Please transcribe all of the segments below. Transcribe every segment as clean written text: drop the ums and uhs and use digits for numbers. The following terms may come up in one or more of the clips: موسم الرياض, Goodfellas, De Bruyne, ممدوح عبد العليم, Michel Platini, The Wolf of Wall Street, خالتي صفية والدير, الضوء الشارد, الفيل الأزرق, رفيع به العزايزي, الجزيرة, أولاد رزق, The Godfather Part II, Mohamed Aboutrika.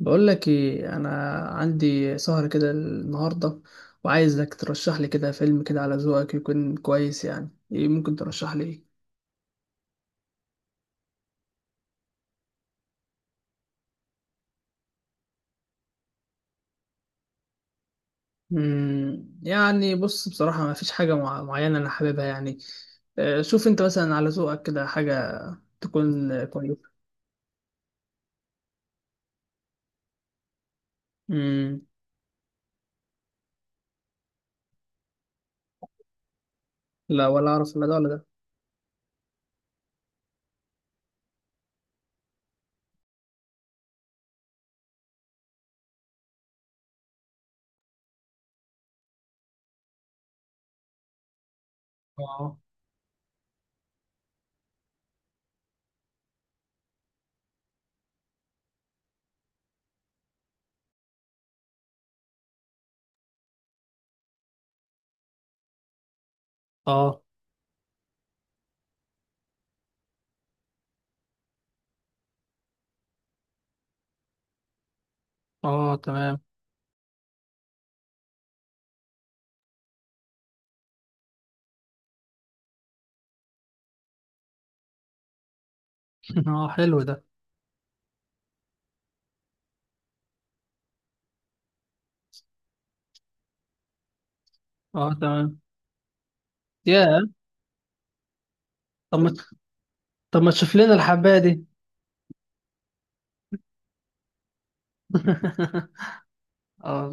بقول لك ايه. انا عندي سهرة كده النهارده، وعايزك ترشح لي كده فيلم كده على ذوقك يكون كويس. يعني ايه ممكن ترشح لي ايه؟ يعني بص، بصراحة ما فيش حاجة معينة انا حاببها يعني. شوف انت مثلا على ذوقك كده حاجة تكون كويسة. مم. لا، ولا اعرف ولا ده ولا ده. اه. اه. اه، تمام. اه، حلو ده. اه، تمام. يا طب ما، طب ما تشوف لنا الحبايه دي. اه،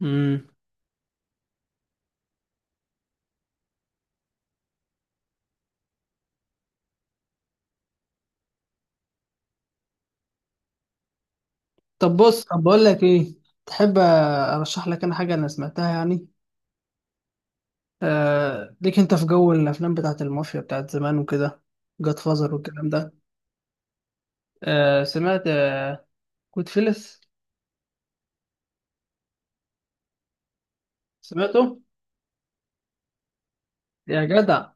والله. طب بص، طب بقول لك ايه، تحب ارشح لك انا حاجه انا سمعتها يعني؟ آه، ليك انت في جو الافلام بتاعت المافيا بتاعت زمان وكده، جاد فازر والكلام ده. آه، سمعت كود فيلس؟ سمعته. يا جدع،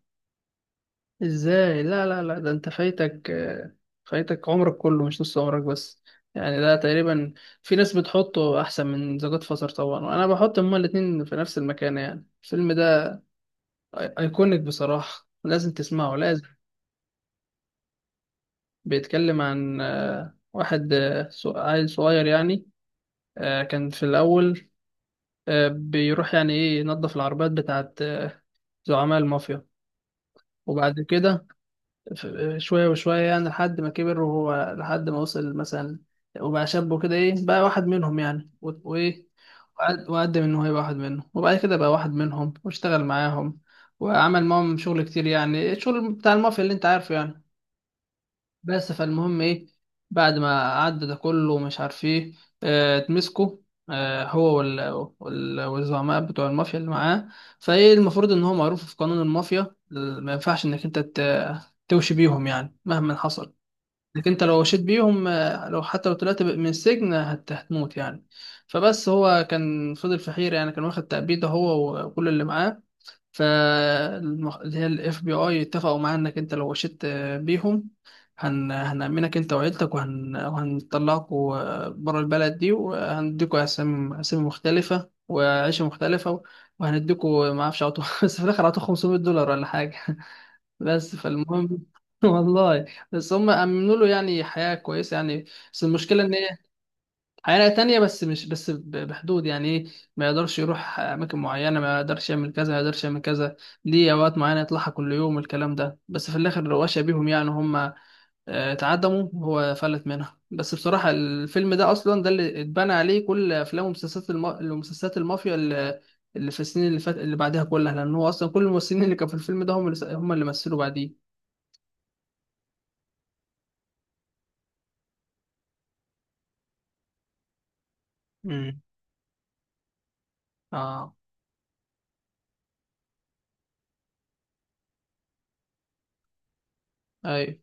ازاي؟ لا لا لا، ده انت فايتك فايتك عمرك كله مش نص عمرك بس. يعني ده تقريبا، في ناس بتحطه احسن من ذا جاد فازر طبعا، وانا بحط هما الاتنين في نفس المكان. يعني الفيلم ده ايكونيك بصراحه، لازم تسمعه، لازم. بيتكلم عن واحد، عيل صغير يعني، كان في الأول بيروح يعني إيه، ينظف العربيات بتاعت زعماء المافيا. وبعد كده شوية وشوية يعني، لحد ما كبر، وهو لحد ما وصل مثلا وبقى شاب وكده إيه، بقى واحد منهم يعني، وإيه، وقدم إن هو يبقى واحد منهم، وبعد كده بقى واحد منهم واشتغل معاهم، وعمل معاهم شغل كتير، يعني الشغل بتاع المافيا اللي أنت عارفه يعني. بس فالمهم ايه، بعد ما عدى ده كله ومش عارف ايه، اتمسكوا، هو والزعماء بتوع المافيا اللي معاه. فايه، المفروض ان هو معروف في قانون المافيا ما ينفعش انك انت توشي بيهم يعني مهما حصل. انك انت لو وشيت بيهم، لو حتى لو طلعت من السجن هتموت يعني. فبس هو كان فضل في حيرة، يعني كان واخد تأبيده هو وكل اللي معاه. اللي هي الاف بي اي اتفقوا معانا انك انت لو وشيت بيهم هنأمنك انت وعيلتك وهنطلعكوا برا البلد دي، وهنديكوا اسامي، اسامي مختلفة وعيشة مختلفة، وهنديكوا ما اعرفش، عطوا بس في الاخر عطوا $500 ولا حاجة. بس فالمهم والله بس هم امنوا له يعني حياة كويسة يعني. بس المشكلة ان هي حياة تانية، بس مش بس بحدود يعني ايه، ما يقدرش يروح أماكن معينة، ما يقدرش يعمل كذا، ما يقدرش يعمل كذا، ليه أوقات معينة يطلعها كل يوم الكلام ده. بس في الآخر رواشة بيهم، يعني هم اتعدموا وهو فلت منها. بس بصراحة الفيلم ده أصلا ده اللي اتبنى عليه كل أفلام ومسلسلات المسلسلات المافيا اللي اللي في السنين اللي فات اللي بعدها كلها، لأن هو أصلا كل الممثلين اللي كانوا في الفيلم ده هم اللي هم اللي مثلوا بعديه. امم. اه. أيوه.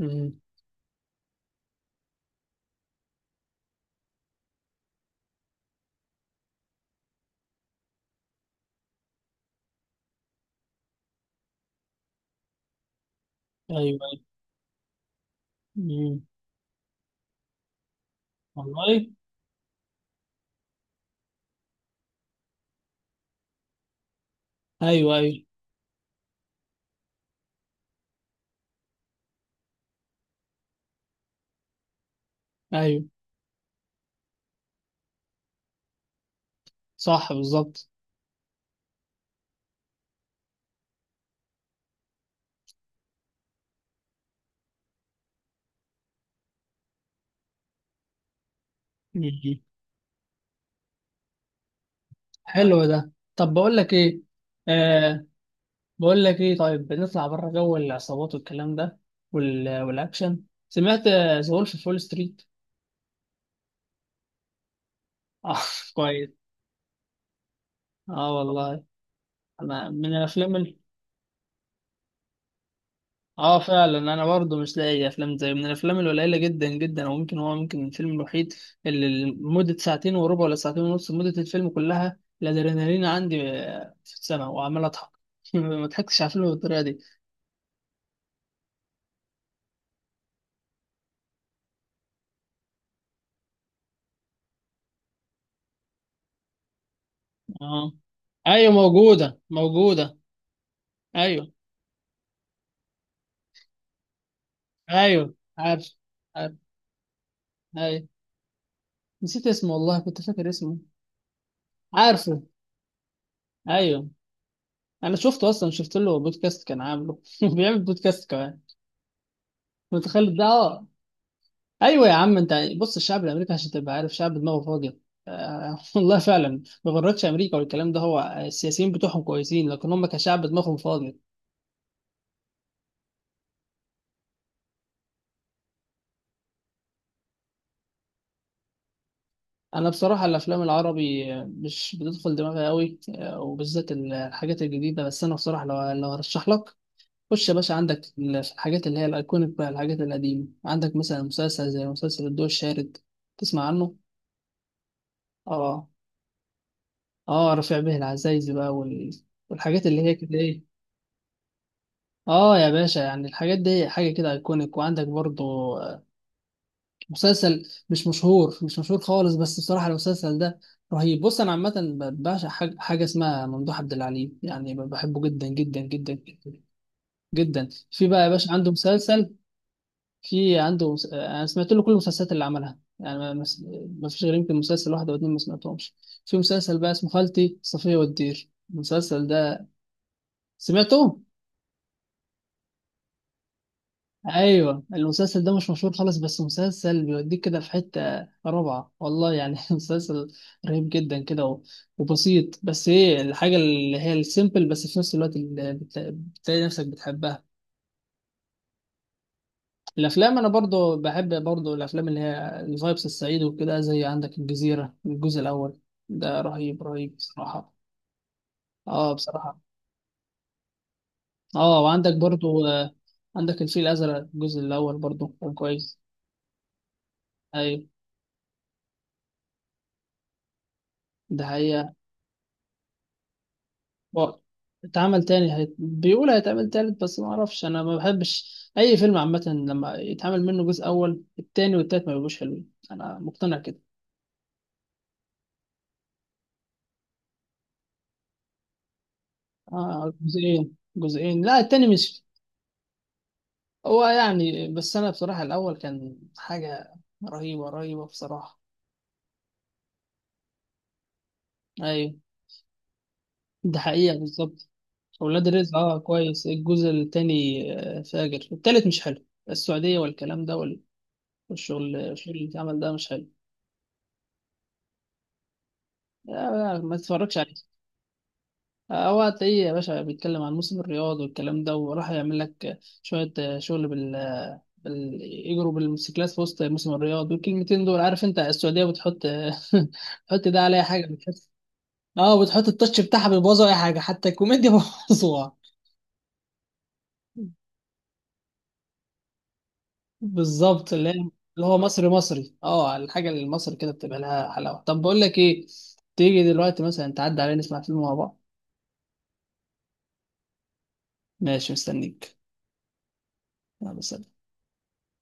امم. ايوه، ايوه. امم. والله. ايوه، ايوه. ايوه. صح، بالظبط. مم. حلو ده، طب بقول لك ايه، آه بقول لك ايه، طيب نطلع بره جو العصابات والكلام ده والاكشن. سمعت ذا وولف في فول ستريت؟ اه. كويس. اه، والله. انا من الافلام اه فعلا انا برضو مش لاقي افلام زي، من الافلام القليله جدا جدا، او ممكن هو ممكن الفيلم الوحيد اللي مده ساعتين وربع ولا ساعتين ونص، مده الفيلم كلها الادرينالين عندي في السماء وعمال اضحك. ما ضحكتش على الفيلم بالطريقه دي. اه. ايوه، موجودة موجودة. ايوه، ايوه. عارف. عارف. ايوه. نسيت اسمه والله، كنت فاكر اسمه. عارفه. ايوه. انا شفته اصلا، شفت له بودكاست كان عامله بيعمل بودكاست كمان، متخيل ده؟ اه. ايوه يا عم انت، بص، الشعب الامريكي، عشان تبقى عارف، شعب دماغه فاضيه. آه والله فعلا، ما غرتش امريكا والكلام ده، هو السياسيين بتوعهم كويسين، لكن هم كشعب دماغهم فاضيه. انا بصراحه الافلام العربي مش بتدخل دماغي قوي، وبالذات الحاجات الجديده. بس انا بصراحه لو هرشح لك، خش يا باشا عندك الحاجات اللي هي الايكونيك بقى، الحاجات القديمه. عندك مثلا مسلسل زي مسلسل الضوء الشارد، تسمع عنه؟ اه. اه رفيع به العزايزي بقى والحاجات اللي هي كده ايه. اه يا باشا، يعني الحاجات دي حاجه كده ايكونيك. وعندك برضو آه، مسلسل مش مشهور، مش مشهور خالص، بس بصراحة المسلسل ده رهيب. بص أنا عامة بعشق حاجة، حاجة اسمها ممدوح عبد العليم، يعني بحبه جدا جدا جدا جدا جدا. في بقى يا باشا عنده مسلسل، في عنده مس... آه، أنا سمعت له كل المسلسلات اللي عملها يعني، ما فيش غير يمكن مسلسل واحد أو اتنين ما سمعتهمش. في مسلسل بقى اسمه خالتي صفية والدير، المسلسل ده سمعته؟ ايوه، المسلسل ده مش مشهور خالص، بس مسلسل بيوديك كده في حته رابعه، والله يعني. مسلسل رهيب جدا كده، وبسيط، بس ايه، الحاجه اللي هي السيمبل بس في نفس الوقت اللي بتلاقي نفسك بتحبها. الافلام انا برضو بحب برضو الافلام اللي هي الفايبس السعيده وكده، زي عندك الجزيره الجزء الاول، ده رهيب رهيب بصراحه. اه، بصراحه. اه، وعندك برضو عندك الفيل الازرق الجزء الاول برضو كان كويس. ايوه. ده حقيقة. و- اتعمل تاني، بيقول هيتعمل تالت، بس ما اعرفش، انا ما بحبش اي فيلم عامه لما يتعمل منه جزء، اول التاني والتالت ما بيبقوش حلوين، انا مقتنع كده. اه، جزئين، جزئين، لا التاني مش، هو يعني، بس انا بصراحه الاول كان حاجه رهيبه رهيبه بصراحه. ايوه، ده حقيقه بالظبط. اولاد رزق، اه كويس الجزء التاني. فاجر، التالت مش حلو، السعوديه والكلام ده والشغل، الشغل اللي اتعمل ده مش حلو. لا لا، ما تتفرجش. هو هتلاقيه يا باشا بيتكلم عن موسم الرياض والكلام ده، وراح يعمل لك شوية شغل بال يجروا بالموتوسيكلات في وسط موسم الرياض. والكلمتين دول عارف، انت السعودية بتحط بتحط ده على اي حاجة، بتحط اه بتحط التاتش بتاعها، بيبوظوا اي حاجة، حتى الكوميديا بيبوظوها. بالظبط، اللي هي اللي هو مصري مصري، اه الحاجة اللي المصري كده بتبقى لها حلاوة. طب بقول لك ايه، تيجي دلوقتي مثلا تعدي علينا نسمع فيلم مع بعض؟ ماشي، مستنيك. يلا، سلام.